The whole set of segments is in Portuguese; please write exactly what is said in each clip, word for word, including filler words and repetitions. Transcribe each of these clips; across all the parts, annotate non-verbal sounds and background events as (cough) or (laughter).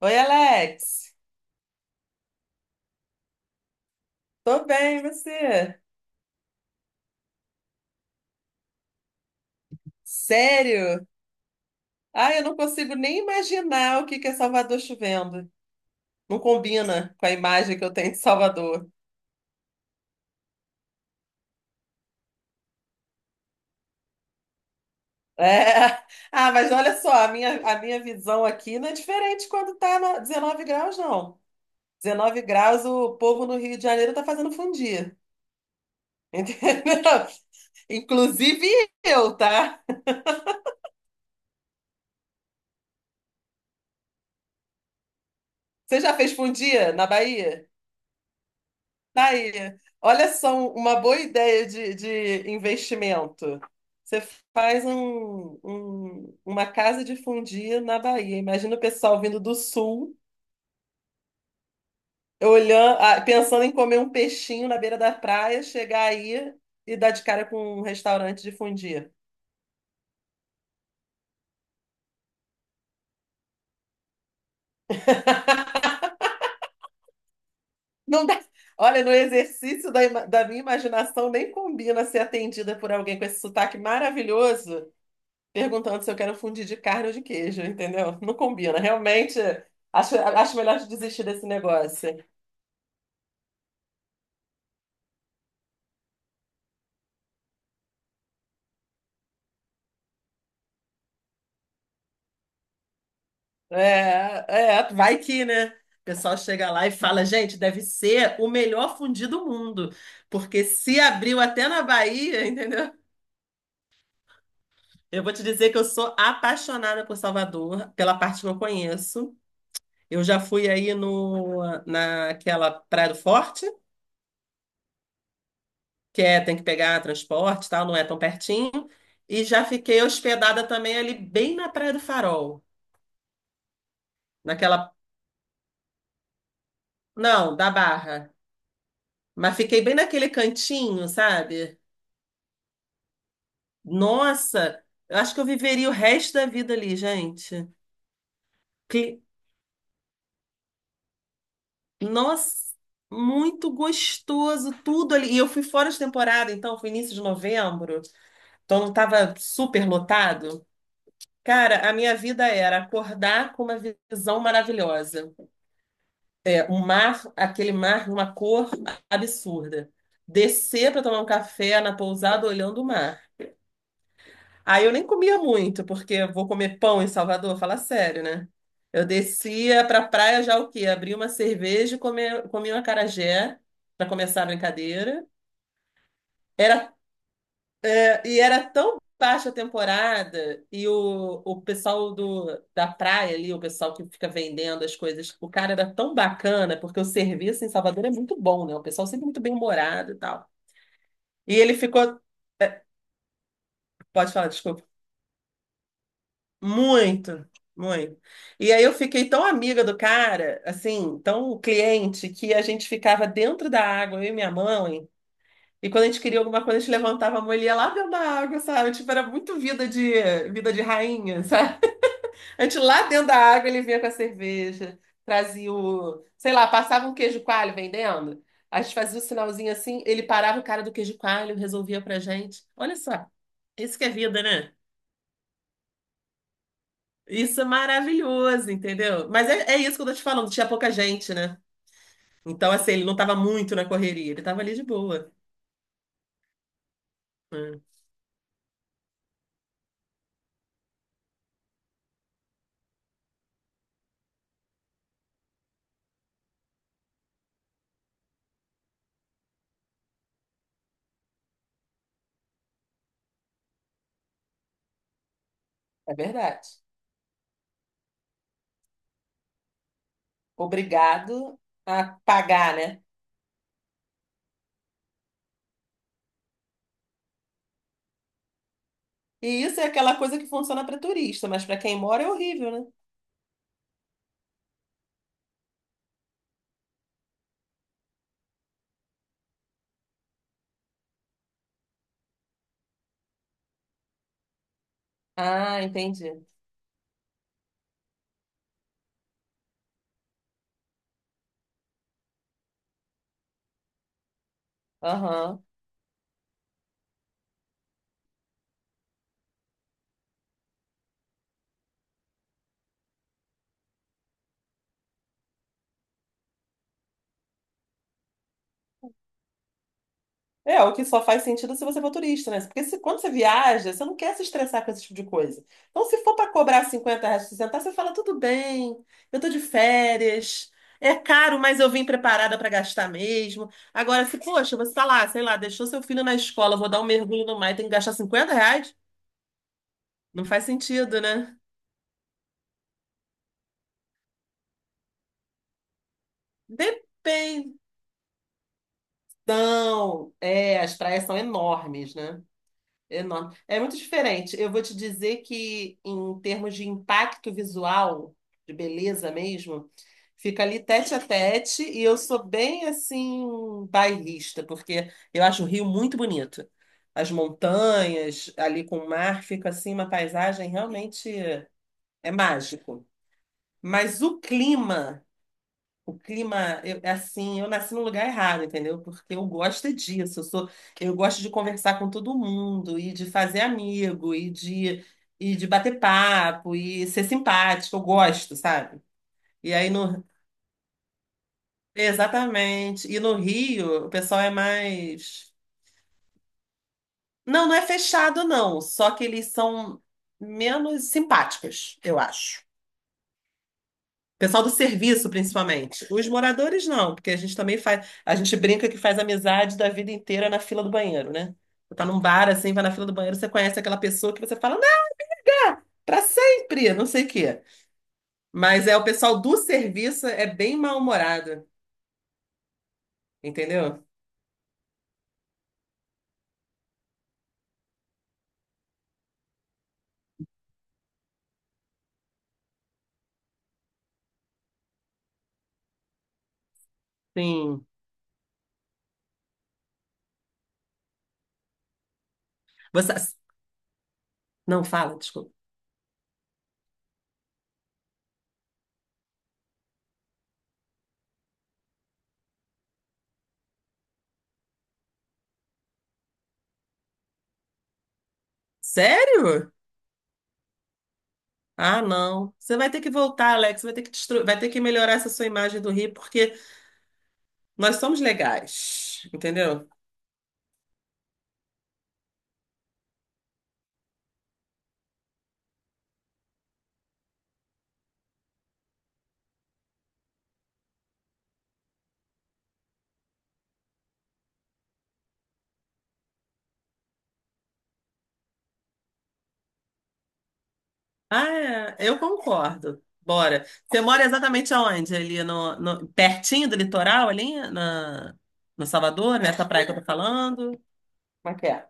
Oi, Alex. Tô bem, e você? Sério? Ah, eu não consigo nem imaginar o que que é Salvador chovendo. Não combina com a imagem que eu tenho de Salvador. É. (laughs) Ah, mas olha só, a minha, a minha visão aqui não é diferente quando tá no- dezenove graus, não. dezenove graus, o povo no Rio de Janeiro tá fazendo fundir. Entendeu? (laughs) Inclusive eu, tá? Você já fez fundir na Bahia? Daí, olha só um, uma boa ideia de, de investimento. Você faz um, um- uma casa de fundir na Bahia. Imagina o pessoal vindo do sul, olhando, ah, pensando em comer um peixinho na beira da praia, chegar aí e dar de cara com um restaurante de fundir. Não dá. Olha, no exercício da, ima- da minha imaginação, nem combina ser atendida por alguém com esse sotaque maravilhoso, perguntando se eu quero fundir de carne ou de queijo, entendeu? Não combina. Realmente, acho, acho melhor de desistir desse negócio. É, é, vai que, né? O pessoal chega lá e fala, gente, deve ser o melhor fundi do mundo, porque se abriu até na Bahia, (laughs) entendeu? Eu vou te dizer que eu sou apaixonada por Salvador, pela parte que eu conheço. Eu já fui aí no, naquela Praia do Forte, que é, tem que pegar transporte, e tal, não é tão pertinho. E já fiquei hospedada também ali bem na Praia do Farol, naquela, não, da Barra, mas fiquei bem naquele cantinho, sabe? Nossa, eu acho que eu viveria o resto da vida ali, gente. Que, nossa, muito gostoso tudo ali. E eu fui fora de temporada, então foi início de novembro, então não estava super lotado. Cara, a minha vida era acordar com uma visão maravilhosa. É, um mar, aquele mar de uma cor absurda. Descer para tomar um café na pousada olhando o mar. Aí eu nem comia muito, porque eu vou comer pão em Salvador, fala sério, né? Eu descia para praia já o quê? Abri uma cerveja e comi, comi um acarajé para começar a brincadeira. Era E era tão baixa a temporada, e o, o pessoal do, da praia ali, o pessoal que fica vendendo as coisas, o cara era tão bacana, porque o serviço em Salvador é muito bom, né? O pessoal sempre muito bem-humorado e tal. E ele ficou, pode falar, desculpa, muito, muito. E aí eu fiquei tão amiga do cara, assim, tão cliente, que a gente ficava dentro da água, eu e minha mãe. E quando a gente queria alguma coisa, a gente levantava a mão e ele ia lá dentro da água, sabe? Tipo, era muito vida de vida de rainha, (laughs) sabe? A gente lá dentro da água, ele vinha com a cerveja, trazia o, sei lá, passava um queijo coalho vendendo. A gente fazia o sinalzinho assim, ele parava o cara do queijo coalho, resolvia pra gente. Olha só, isso que é vida, né? Isso é maravilhoso, entendeu? Mas é, é isso que eu tô te falando, tinha pouca gente, né? Então, assim, ele não tava muito na correria, ele tava ali de boa. Hum. É verdade. Obrigado a pagar, né? E isso é aquela coisa que funciona para turista, mas para quem mora é horrível, né? Ah, entendi. Aham. É, o que só faz sentido se você for turista, né? Porque se, quando você viaja, você não quer se estressar com esse tipo de coisa. Então, se for para cobrar cinquenta reais, sessenta, você fala, tudo bem, eu tô de férias, é caro, mas eu vim preparada para gastar mesmo. Agora, se, poxa, você tá lá, sei lá, deixou seu filho na escola, vou dar um mergulho no mar e tem que gastar cinquenta reais, não faz sentido, né? Dependão. É, as praias são enormes, né? Enorme. É muito diferente. Eu vou te dizer que, em termos de impacto visual, de beleza mesmo, fica ali tete a tete. E eu sou bem assim, bairrista, porque eu acho o Rio muito bonito. As montanhas, ali com o mar, fica assim uma paisagem realmente é mágico. Mas o clima. O clima, eu, é assim, eu nasci no lugar errado, entendeu? Porque eu gosto é disso. Eu sou, eu gosto de conversar com todo mundo e de fazer amigo e de, e de bater papo e ser simpático. Eu gosto, sabe? E aí no, exatamente. E no Rio, o pessoal é mais, não, não é fechado, não. Só que eles são menos simpáticos, eu acho. Pessoal do serviço, principalmente. Os moradores não, porque a gente também faz, a gente brinca que faz amizade da vida inteira na fila do banheiro, né? Você tá num bar assim, vai na fila do banheiro, você conhece aquela pessoa que você fala, não, pra sempre, não sei o quê. Mas é o pessoal do serviço é bem mal-humorado, entendeu? Sim. Você não fala, desculpa. Sério? Ah, não. Você vai ter que voltar, Alex, vai ter que destru... vai ter que melhorar essa sua imagem do Rio, porque nós somos legais, entendeu? Ah, é, eu concordo. Bora. Você mora exatamente aonde? Ali no, no- pertinho do litoral, ali na, no Salvador, nessa praia que eu tô falando? Como é que é?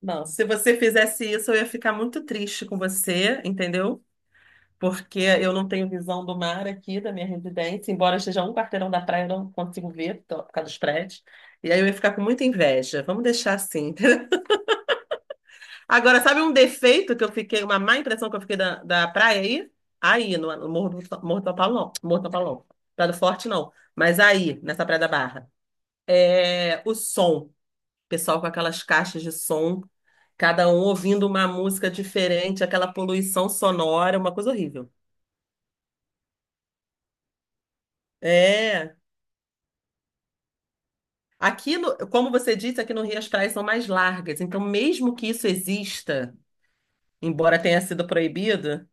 Não, se você fizesse isso, eu ia ficar muito triste com você, entendeu? Porque eu não tenho visão do mar aqui da minha residência, embora eu esteja a um quarteirão da praia, eu não consigo ver tô- por causa dos prédios. E aí eu ia ficar com muita inveja. Vamos deixar assim. Agora, sabe um defeito que eu fiquei, uma má impressão que eu fiquei da, da praia aí? Aí, no, no Morro do, Morro do Tapalão. Morro do Tapalão. Praia do Forte, não. Mas aí, nessa Praia da Barra. É, o som. Pessoal com aquelas caixas de som, cada um ouvindo uma música diferente, aquela poluição sonora, uma coisa horrível. É. Aqui, no, como você disse, aqui no Rio as praias são mais largas. Então, mesmo que isso exista, embora tenha sido proibido.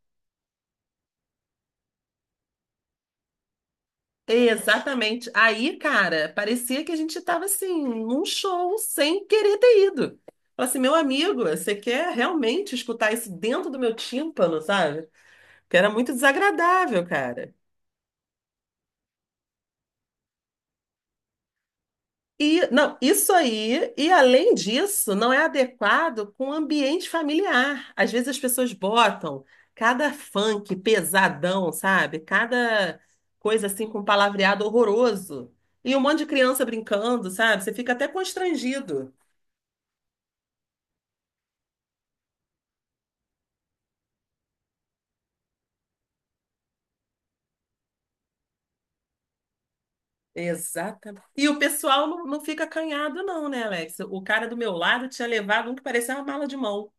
Exatamente. Aí, cara, parecia que a gente estava assim, num show sem querer ter ido. Falei assim, meu amigo, você quer realmente escutar isso dentro do meu tímpano, sabe? Que era muito desagradável, cara. E não, isso aí, e além disso, não é adequado com o ambiente familiar. Às vezes as pessoas botam cada funk pesadão, sabe? Cada coisa assim com palavreado horroroso. E um monte de criança brincando, sabe? Você fica até constrangido. Exatamente. E o pessoal não, não fica acanhado, não, né, Alex? O cara do meu lado tinha levado um que parecia uma mala de mão.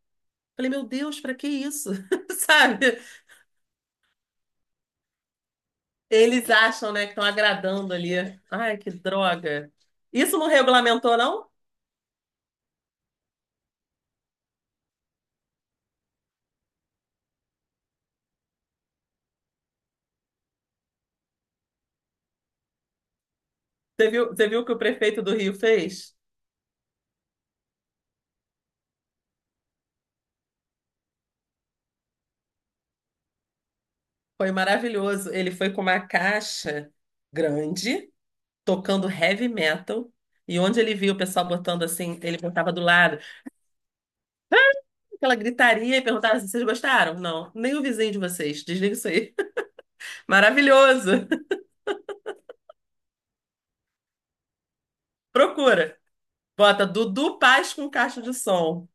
Falei, meu Deus, pra que isso? (laughs) Sabe? Eles acham, né, que estão agradando ali. Ai, que droga. Isso não regulamentou, não? Você viu, você viu o que o prefeito do Rio fez? Foi maravilhoso. Ele foi com uma caixa grande, tocando heavy metal, e onde ele viu o pessoal botando assim, ele botava do lado. Ela gritaria e perguntava assim, vocês gostaram? Não, nem o vizinho de vocês. Desliga isso aí. (laughs) Maravilhoso. (laughs) Procura. Bota Dudu Paz com caixa de som.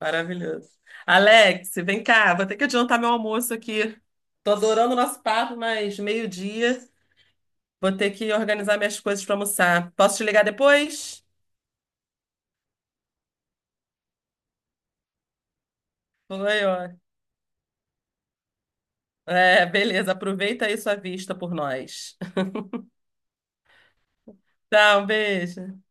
Maravilhoso. Alex, vem cá. Vou ter que adiantar meu almoço aqui. Tô adorando o nosso papo, mas meio-dia vou ter que organizar minhas coisas para almoçar. Posso te ligar depois? Foi, ó. É, beleza. Aproveita aí sua vista por nós. (laughs) Tchau, um beijo.